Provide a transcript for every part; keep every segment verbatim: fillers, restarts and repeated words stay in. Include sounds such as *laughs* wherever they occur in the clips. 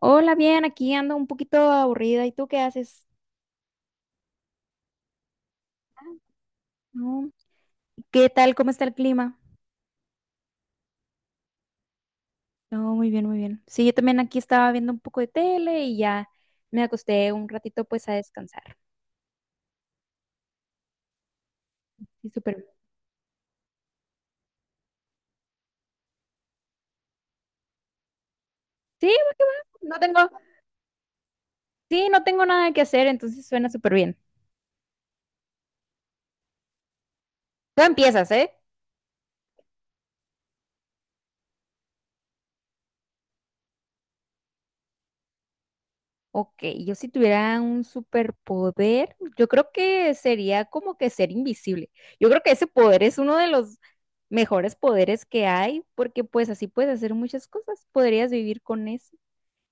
Hola, bien, aquí ando un poquito aburrida. ¿Y tú qué haces? No. ¿Qué tal? ¿Cómo está el clima? No, muy bien, muy bien. Sí, yo también aquí estaba viendo un poco de tele y ya me acosté un ratito pues a descansar. Sí, súper bien. Sí, va que va. no tengo, sí, no tengo nada que hacer, entonces suena súper bien. Tú empiezas, ¿eh? Ok, yo si tuviera un superpoder, yo creo que sería como que ser invisible. Yo creo que ese poder es uno de los mejores poderes que hay, porque pues así puedes hacer muchas cosas, podrías vivir con eso.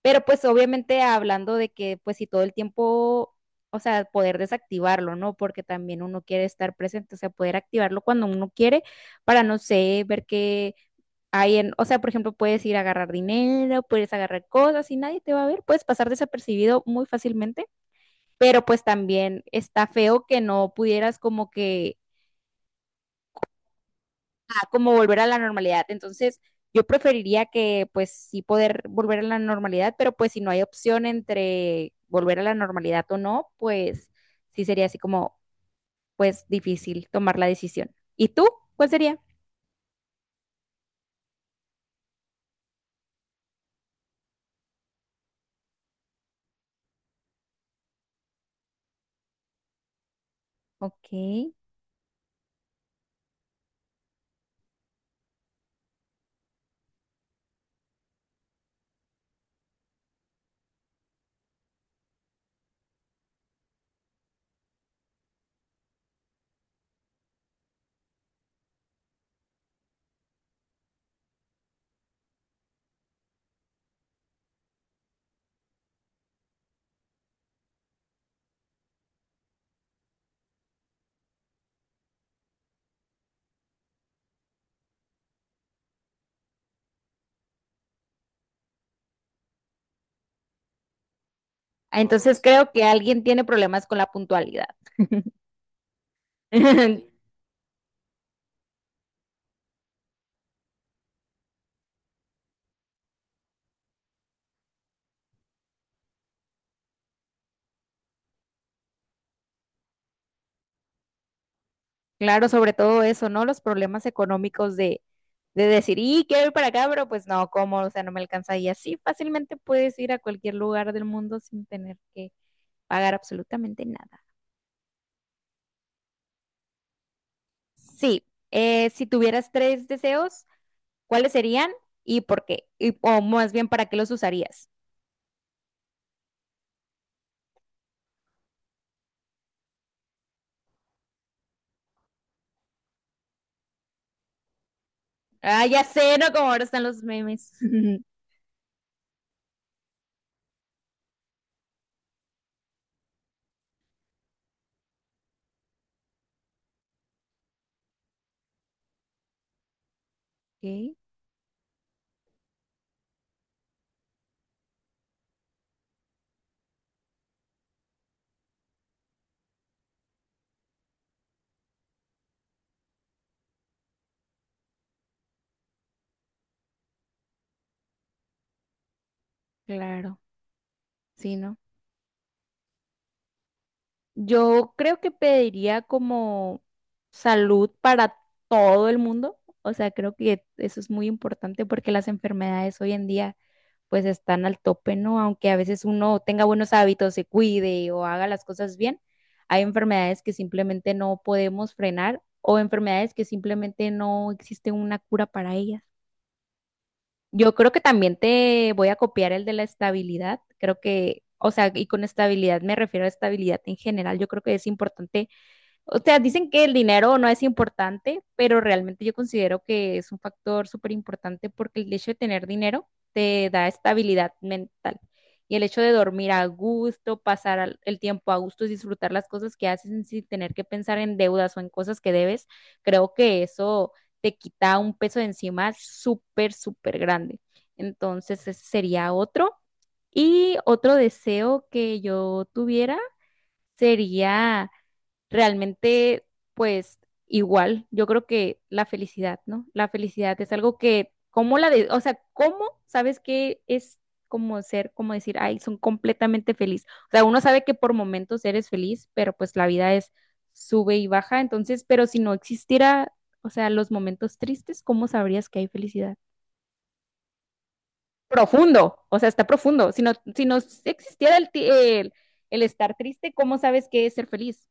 Pero pues obviamente hablando de que pues si todo el tiempo, o sea, poder desactivarlo, ¿no? Porque también uno quiere estar presente, o sea, poder activarlo cuando uno quiere para, no sé, ver que ahí en, o sea, por ejemplo, puedes ir a agarrar dinero, puedes agarrar cosas y nadie te va a ver, puedes pasar desapercibido muy fácilmente, pero pues también está feo que no pudieras como que, ah, como volver a la normalidad. Entonces, yo preferiría que pues sí poder volver a la normalidad, pero pues si no hay opción entre volver a la normalidad o no, pues sí sería así como, pues difícil tomar la decisión. ¿Y tú? ¿Cuál sería? Ok. Ah, entonces creo que alguien tiene problemas con la puntualidad. *laughs* Claro, sobre todo eso, ¿no? Los problemas económicos de, de decir, y quiero ir para acá, pero pues no, ¿cómo? O sea, no me alcanza. Y así fácilmente puedes ir a cualquier lugar del mundo sin tener que pagar absolutamente nada. Sí, eh, si tuvieras tres deseos, ¿cuáles serían y por qué? Y, o más bien, ¿para qué los usarías? Ah, ya sé, ¿no? Como ahora están los memes. *laughs* Ok, claro, sí, ¿no? Yo creo que pediría como salud para todo el mundo. O sea, creo que eso es muy importante porque las enfermedades hoy en día pues están al tope, ¿no? Aunque a veces uno tenga buenos hábitos, se cuide o haga las cosas bien, hay enfermedades que simplemente no podemos frenar o enfermedades que simplemente no existe una cura para ellas. Yo creo que también te voy a copiar el de la estabilidad. Creo que, o sea, y con estabilidad me refiero a estabilidad en general. Yo creo que es importante, o sea, dicen que el dinero no es importante, pero realmente yo considero que es un factor súper importante porque el hecho de tener dinero te da estabilidad mental. Y el hecho de dormir a gusto, pasar al- el tiempo a gusto, y disfrutar las cosas que haces sin tener que pensar en deudas o en cosas que debes, creo que eso te quita un peso de encima súper, súper grande. Entonces, ese sería otro. Y otro deseo que yo tuviera sería realmente, pues igual, yo creo que la felicidad, ¿no? La felicidad es algo que, ¿cómo la de, o sea, cómo sabes que es como ser, como decir, ay, son completamente feliz? O sea, uno sabe que por momentos eres feliz, pero pues la vida es sube y baja, entonces, pero si no existiera, o sea, los momentos tristes, ¿cómo sabrías que hay felicidad? Profundo, o sea, está profundo. Si no, si no existiera el, ti- el el estar triste, ¿cómo sabes que es ser feliz?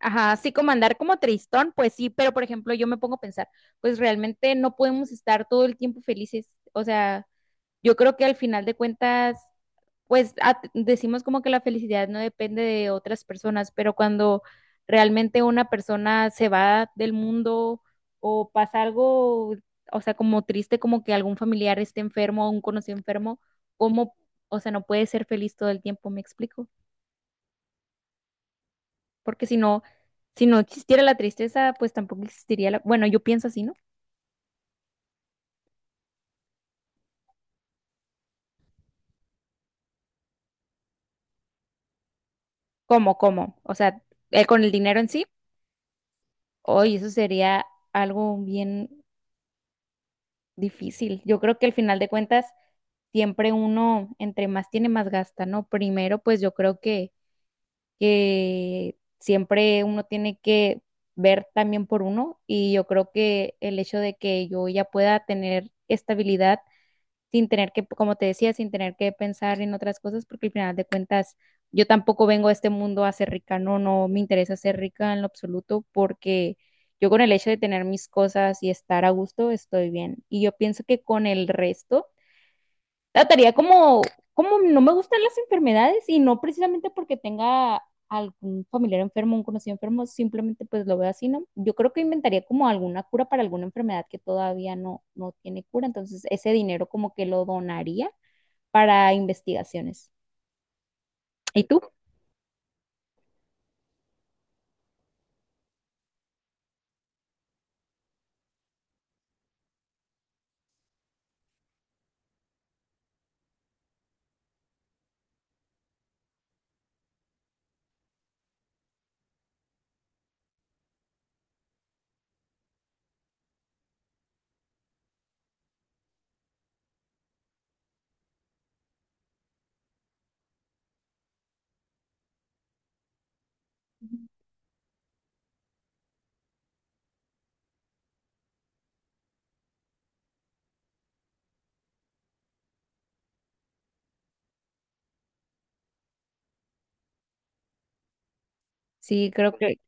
Ajá, sí, como andar como tristón, pues sí, pero por ejemplo, yo me pongo a pensar, pues realmente no podemos estar todo el tiempo felices. O sea, yo creo que al final de cuentas, pues a- decimos como que la felicidad no depende de otras personas, pero cuando realmente una persona se va del mundo o pasa algo, o sea, como triste, como que algún familiar esté enfermo o un conocido enfermo, ¿cómo? O sea, no puede ser feliz todo el tiempo, ¿me explico? Porque si no, si no existiera la tristeza, pues tampoco existiría la... Bueno, yo pienso así, ¿no? ¿Cómo, cómo? O sea, eh, con el dinero en sí, hoy eso sería algo bien difícil. Yo creo que al final de cuentas, siempre uno, entre más tiene, más gasta, ¿no? Primero, pues yo creo que, que siempre uno tiene que ver también por uno y yo creo que el hecho de que yo ya pueda tener estabilidad sin tener que, como te decía, sin tener que pensar en otras cosas, porque al final de cuentas yo tampoco vengo a este mundo a ser rica, no, no me interesa ser rica en lo absoluto, porque yo con el hecho de tener mis cosas y estar a gusto estoy bien. Y yo pienso que con el resto trataría como, como no me gustan las enfermedades y no precisamente porque tenga algún familiar enfermo, un conocido enfermo, simplemente pues lo veo así, ¿no? Yo creo que inventaría como alguna cura para alguna enfermedad que todavía no, no tiene cura, entonces ese dinero como que lo donaría para investigaciones. ¿Y tú? Sí, creo que,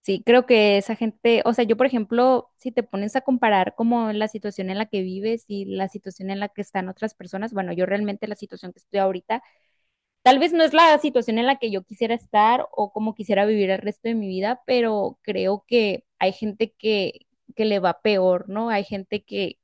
sí, creo que esa gente, o sea, yo por ejemplo, si te pones a comparar como la situación en la que vives y la situación en la que están otras personas, bueno, yo realmente la situación que estoy ahorita tal vez no es la situación en la que yo quisiera estar o como quisiera vivir el resto de mi vida, pero creo que hay gente que, que le va peor, ¿no? Hay gente que,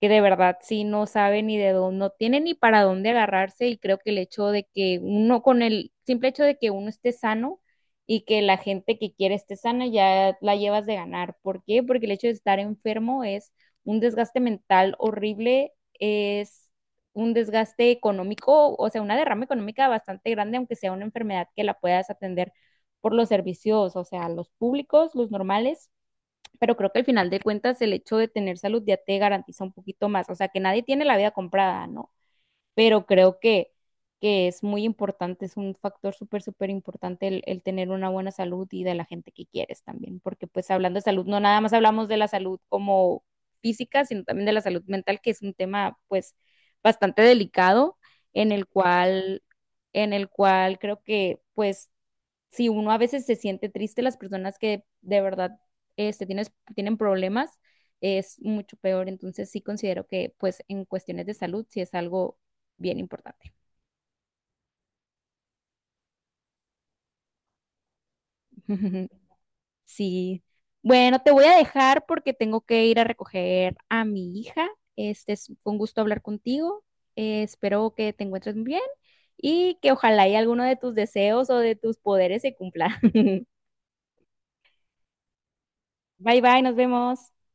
que de verdad sí no sabe ni de dónde, no tiene ni para dónde agarrarse y creo que el hecho de que uno, con el simple hecho de que uno esté sano y que la gente que quiere esté sana ya la llevas de ganar. ¿Por qué? Porque el hecho de estar enfermo es un desgaste mental horrible, es un desgaste económico, o sea, una derrama económica bastante grande, aunque sea una enfermedad que la puedas atender por los servicios, o sea, los públicos, los normales, pero creo que al final de cuentas el hecho de tener salud ya te garantiza un poquito más. O sea, que nadie tiene la vida comprada, ¿no? Pero creo que, que es muy importante, es un factor súper, súper importante el, el tener una buena salud y de la gente que quieres también. Porque pues hablando de salud, no nada más hablamos de la salud como física, sino también de la salud mental, que es un tema pues bastante delicado en el cual, en el cual creo que pues si uno a veces se siente triste, las personas que de verdad este, tienes, tienen problemas es mucho peor. Entonces sí considero que pues en cuestiones de salud sí es algo bien importante. *laughs* Sí. Bueno, te voy a dejar porque tengo que ir a recoger a mi hija. Este es fue un gusto hablar contigo. Eh, espero que te encuentres muy bien y que ojalá y alguno de tus deseos o de tus poderes se cumpla. *laughs* Bye bye, nos vemos.